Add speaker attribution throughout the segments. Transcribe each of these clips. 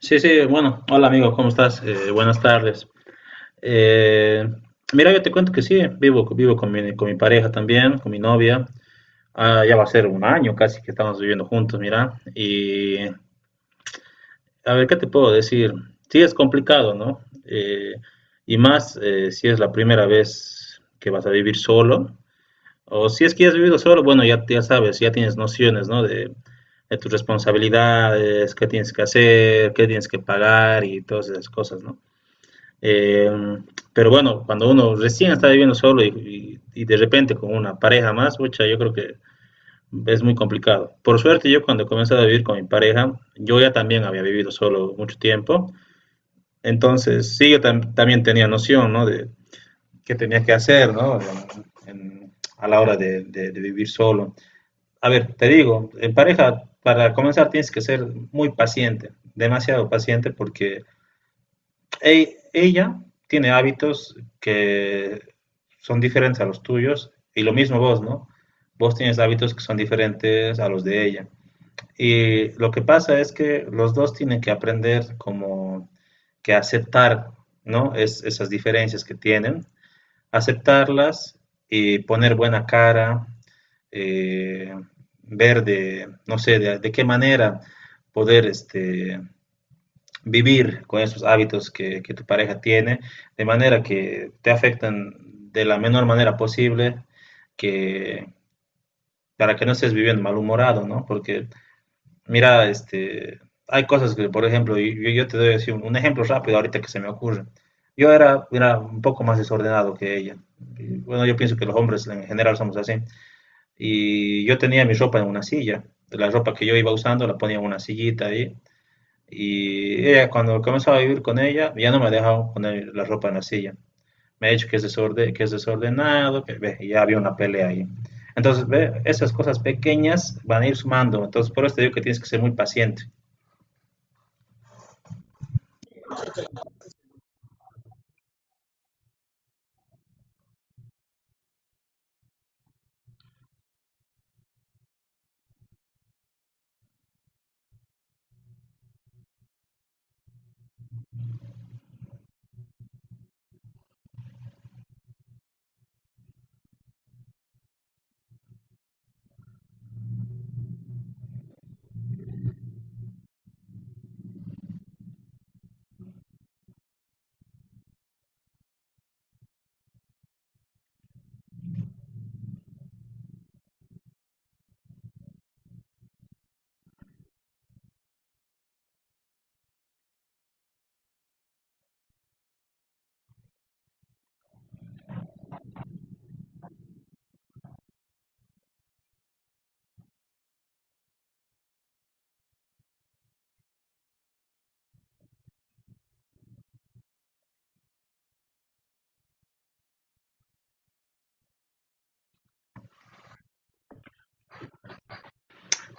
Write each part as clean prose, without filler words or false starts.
Speaker 1: Sí, sí, bueno, hola amigo, ¿cómo estás? Buenas tardes. Eh, mira, yo te cuento que sí, vivo con con mi pareja también, con mi novia. Ah, ya va a ser un año casi que estamos viviendo juntos, mira. Y a ver, ¿qué te puedo decir? Sí, es complicado, ¿no? Y más si es la primera vez que vas a vivir solo. O si es que ya has vivido solo, bueno, ya, ya sabes, ya tienes nociones, ¿no? De tus responsabilidades, qué tienes que hacer, qué tienes que pagar y todas esas cosas, ¿no? Eh, pero bueno, cuando uno recién está viviendo solo y de repente con una pareja más, pucha, yo creo que es muy complicado. Por suerte, yo cuando comencé a vivir con mi pareja, yo ya también había vivido solo mucho tiempo. Entonces, sí, yo tam también tenía noción, ¿no? De qué tenía que hacer, ¿no? A la hora de vivir solo. A ver, te digo, en pareja, para comenzar tienes que ser muy paciente, demasiado paciente, porque ella tiene hábitos que son diferentes a los tuyos y lo mismo vos, ¿no? Vos tienes hábitos que son diferentes a los de ella. Y lo que pasa es que los dos tienen que aprender como que aceptar, ¿no? Esas diferencias que tienen, aceptarlas y poner buena cara, eh, ver de, no sé, de qué manera poder vivir con esos hábitos que tu pareja tiene, de manera que te afectan de la menor manera posible, que para que no estés viviendo malhumorado, ¿no? Porque, mira, hay cosas que, por ejemplo, yo te doy así un ejemplo rápido ahorita que se me ocurre. Yo era un poco más desordenado que ella. Y bueno, yo pienso que los hombres en general somos así. Y yo tenía mi ropa en una silla. La ropa que yo iba usando la ponía en una sillita ahí. Y ella, cuando comenzaba a vivir con ella, ya no me dejaba poner la ropa en la silla. Me ha dicho que es, desorden, que es desordenado, que ve, ya había una pelea ahí. Entonces, ve, esas cosas pequeñas van a ir sumando. Entonces, por eso te digo que tienes que ser muy paciente.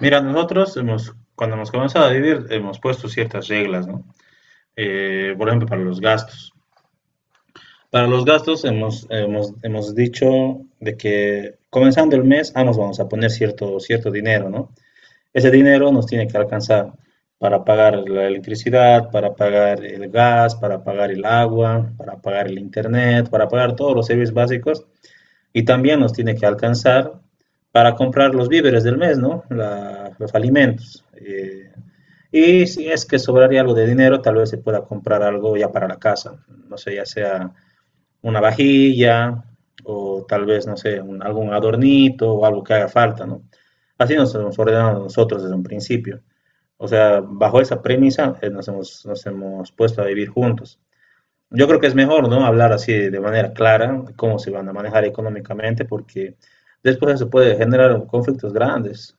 Speaker 1: Mira, nosotros hemos, cuando hemos comenzado a vivir, hemos puesto ciertas reglas, ¿no? Por ejemplo, para los gastos. Para los gastos hemos dicho de que comenzando el mes, ambos vamos a poner cierto dinero, ¿no? Ese dinero nos tiene que alcanzar para pagar la electricidad, para pagar el gas, para pagar el agua, para pagar el internet, para pagar todos los servicios básicos y también nos tiene que alcanzar para comprar los víveres del mes, ¿no? Los alimentos. Y si es que sobraría algo de dinero, tal vez se pueda comprar algo ya para la casa, no sé, ya sea una vajilla o tal vez, no sé, algún adornito o algo que haga falta, ¿no? Así nos hemos ordenado nosotros desde un principio. O sea, bajo esa premisa nos hemos puesto a vivir juntos. Yo creo que es mejor, ¿no? Hablar así de manera clara de cómo se van a manejar económicamente porque después eso puede generar conflictos grandes.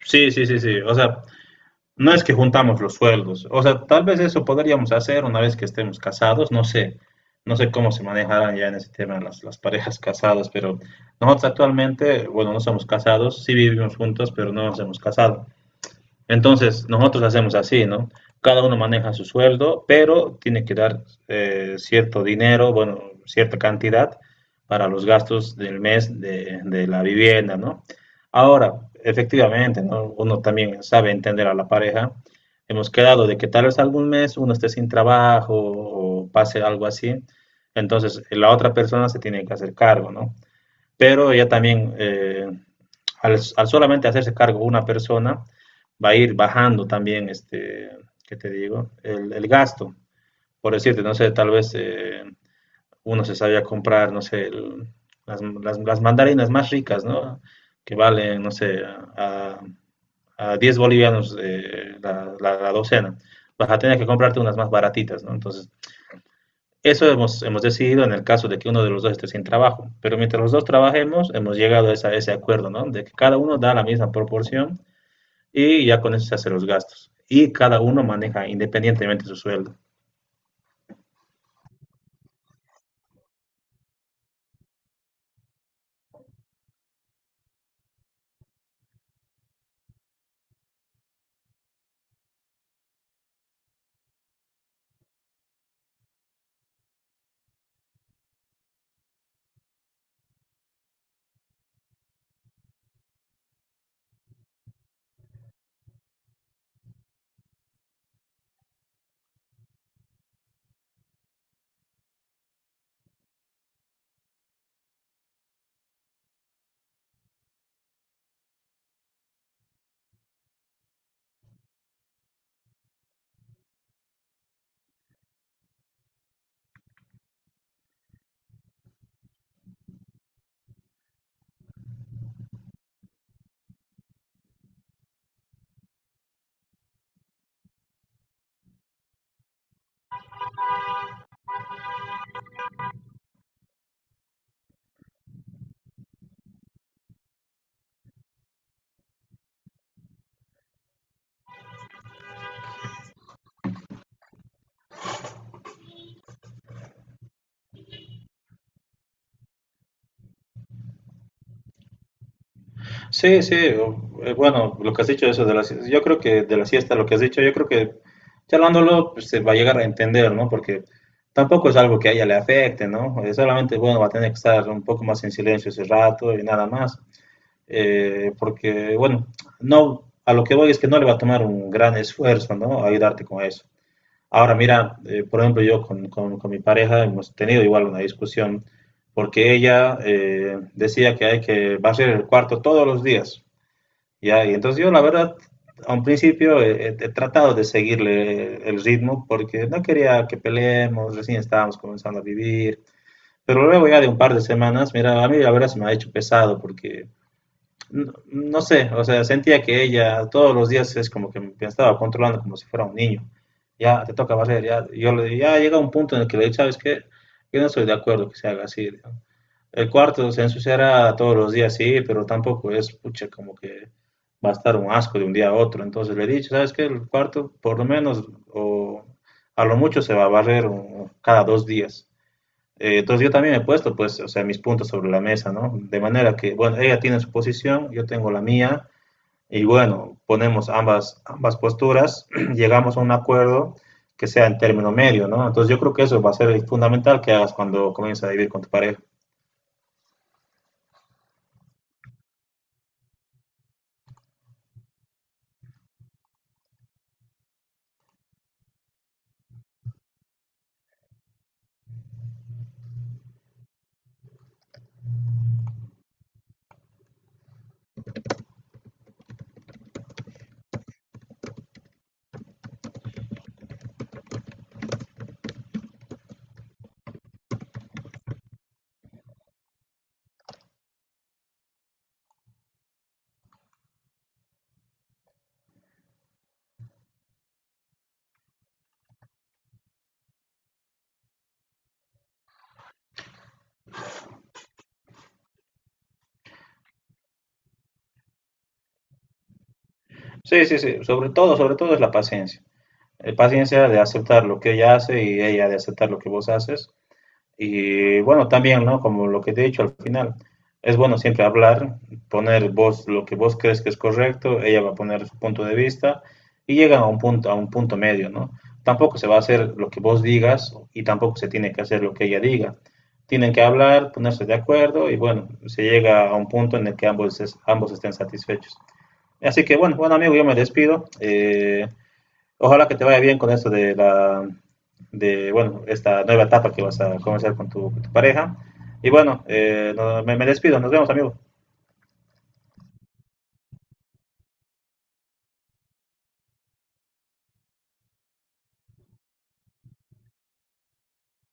Speaker 1: Sí, sí, sí, sí. O sea, no es que juntamos los sueldos, o sea, tal vez eso podríamos hacer una vez que estemos casados, no sé, no sé cómo se manejarán ya en ese tema las parejas casadas, pero nosotros actualmente, bueno, no somos casados, sí vivimos juntos, pero no nos hemos casado. Entonces, nosotros hacemos así, ¿no? Cada uno maneja su sueldo, pero tiene que dar cierto dinero, bueno, cierta cantidad para los gastos del mes de la vivienda, ¿no? Ahora, efectivamente, ¿no? Uno también sabe entender a la pareja. Hemos quedado de que tal vez algún mes uno esté sin trabajo o pase algo así. Entonces, la otra persona se tiene que hacer cargo, ¿no? Pero ya también solamente hacerse cargo una persona va a ir bajando también, ¿qué te digo? El gasto, por decirte, no sé, tal vez uno se sabía comprar, no sé, el, las, mandarinas más ricas, ¿no? Que valen, no sé, a 10 bolivianos la docena. Vas a tener que comprarte unas más baratitas, ¿no? Entonces, eso hemos decidido en el caso de que uno de los dos esté sin trabajo, pero mientras los dos trabajemos, hemos llegado a, ese acuerdo, ¿no? De que cada uno da la misma proporción y ya con eso se hacen los gastos. Y cada uno maneja independientemente su sueldo. Sí, sí, bueno, lo que has dicho eso de la, yo creo que de la siesta, lo que has dicho, yo creo que charlándolo pues, se va a llegar a entender, ¿no? Porque tampoco es algo que a ella le afecte, ¿no? Solamente, bueno, va a tener que estar un poco más en silencio ese rato y nada más. Porque, bueno, no, a lo que voy es que no le va a tomar un gran esfuerzo, ¿no? Ayudarte con eso. Ahora, mira, por ejemplo, yo mi pareja hemos tenido igual una discusión porque ella decía que hay que barrer el cuarto todos los días, ¿ya? Y entonces yo, la verdad, a un principio he tratado de seguirle el ritmo porque no quería que peleemos, recién estábamos comenzando a vivir, pero luego ya de un par de semanas, mira, a mí la verdad se me ha hecho pesado porque no, no sé, o sea, sentía que ella todos los días es como que me estaba controlando como si fuera un niño. Ya te toca barrer, ya, yo le, ya llega un punto en el que le digo, ¿sabes qué? Yo no estoy de acuerdo que se haga así, ¿no? El cuarto se ensuciará todos los días, sí, pero tampoco es, pucha, como que va a estar un asco de un día a otro. Entonces le he dicho, ¿sabes qué? El cuarto, por lo menos, o a lo mucho se va a barrer cada 2 días. Entonces yo también he puesto, pues, o sea, mis puntos sobre la mesa, ¿no? De manera que, bueno, ella tiene su posición, yo tengo la mía, y bueno, ponemos ambas, ambas posturas, llegamos a un acuerdo que sea en término medio, ¿no? Entonces yo creo que eso va a ser fundamental que hagas cuando comiences a vivir con tu pareja. Sí, sí, sí, sobre todo es la paciencia. La paciencia de aceptar lo que ella hace y ella de aceptar lo que vos haces. Y bueno, también, ¿no? Como lo que te he dicho al final, es bueno siempre hablar, poner vos lo que vos crees que es correcto, ella va a poner su punto de vista y llegan a un punto medio, ¿no? Tampoco se va a hacer lo que vos digas y tampoco se tiene que hacer lo que ella diga. Tienen que hablar, ponerse de acuerdo y bueno, se llega a un punto en el que ambos, ambos estén satisfechos. Así que bueno, bueno amigo, yo me despido. Ojalá que te vaya bien con eso de la, de, bueno, esta nueva etapa que vas a comenzar con con tu pareja. Y bueno, me despido. Nos vemos, amigo.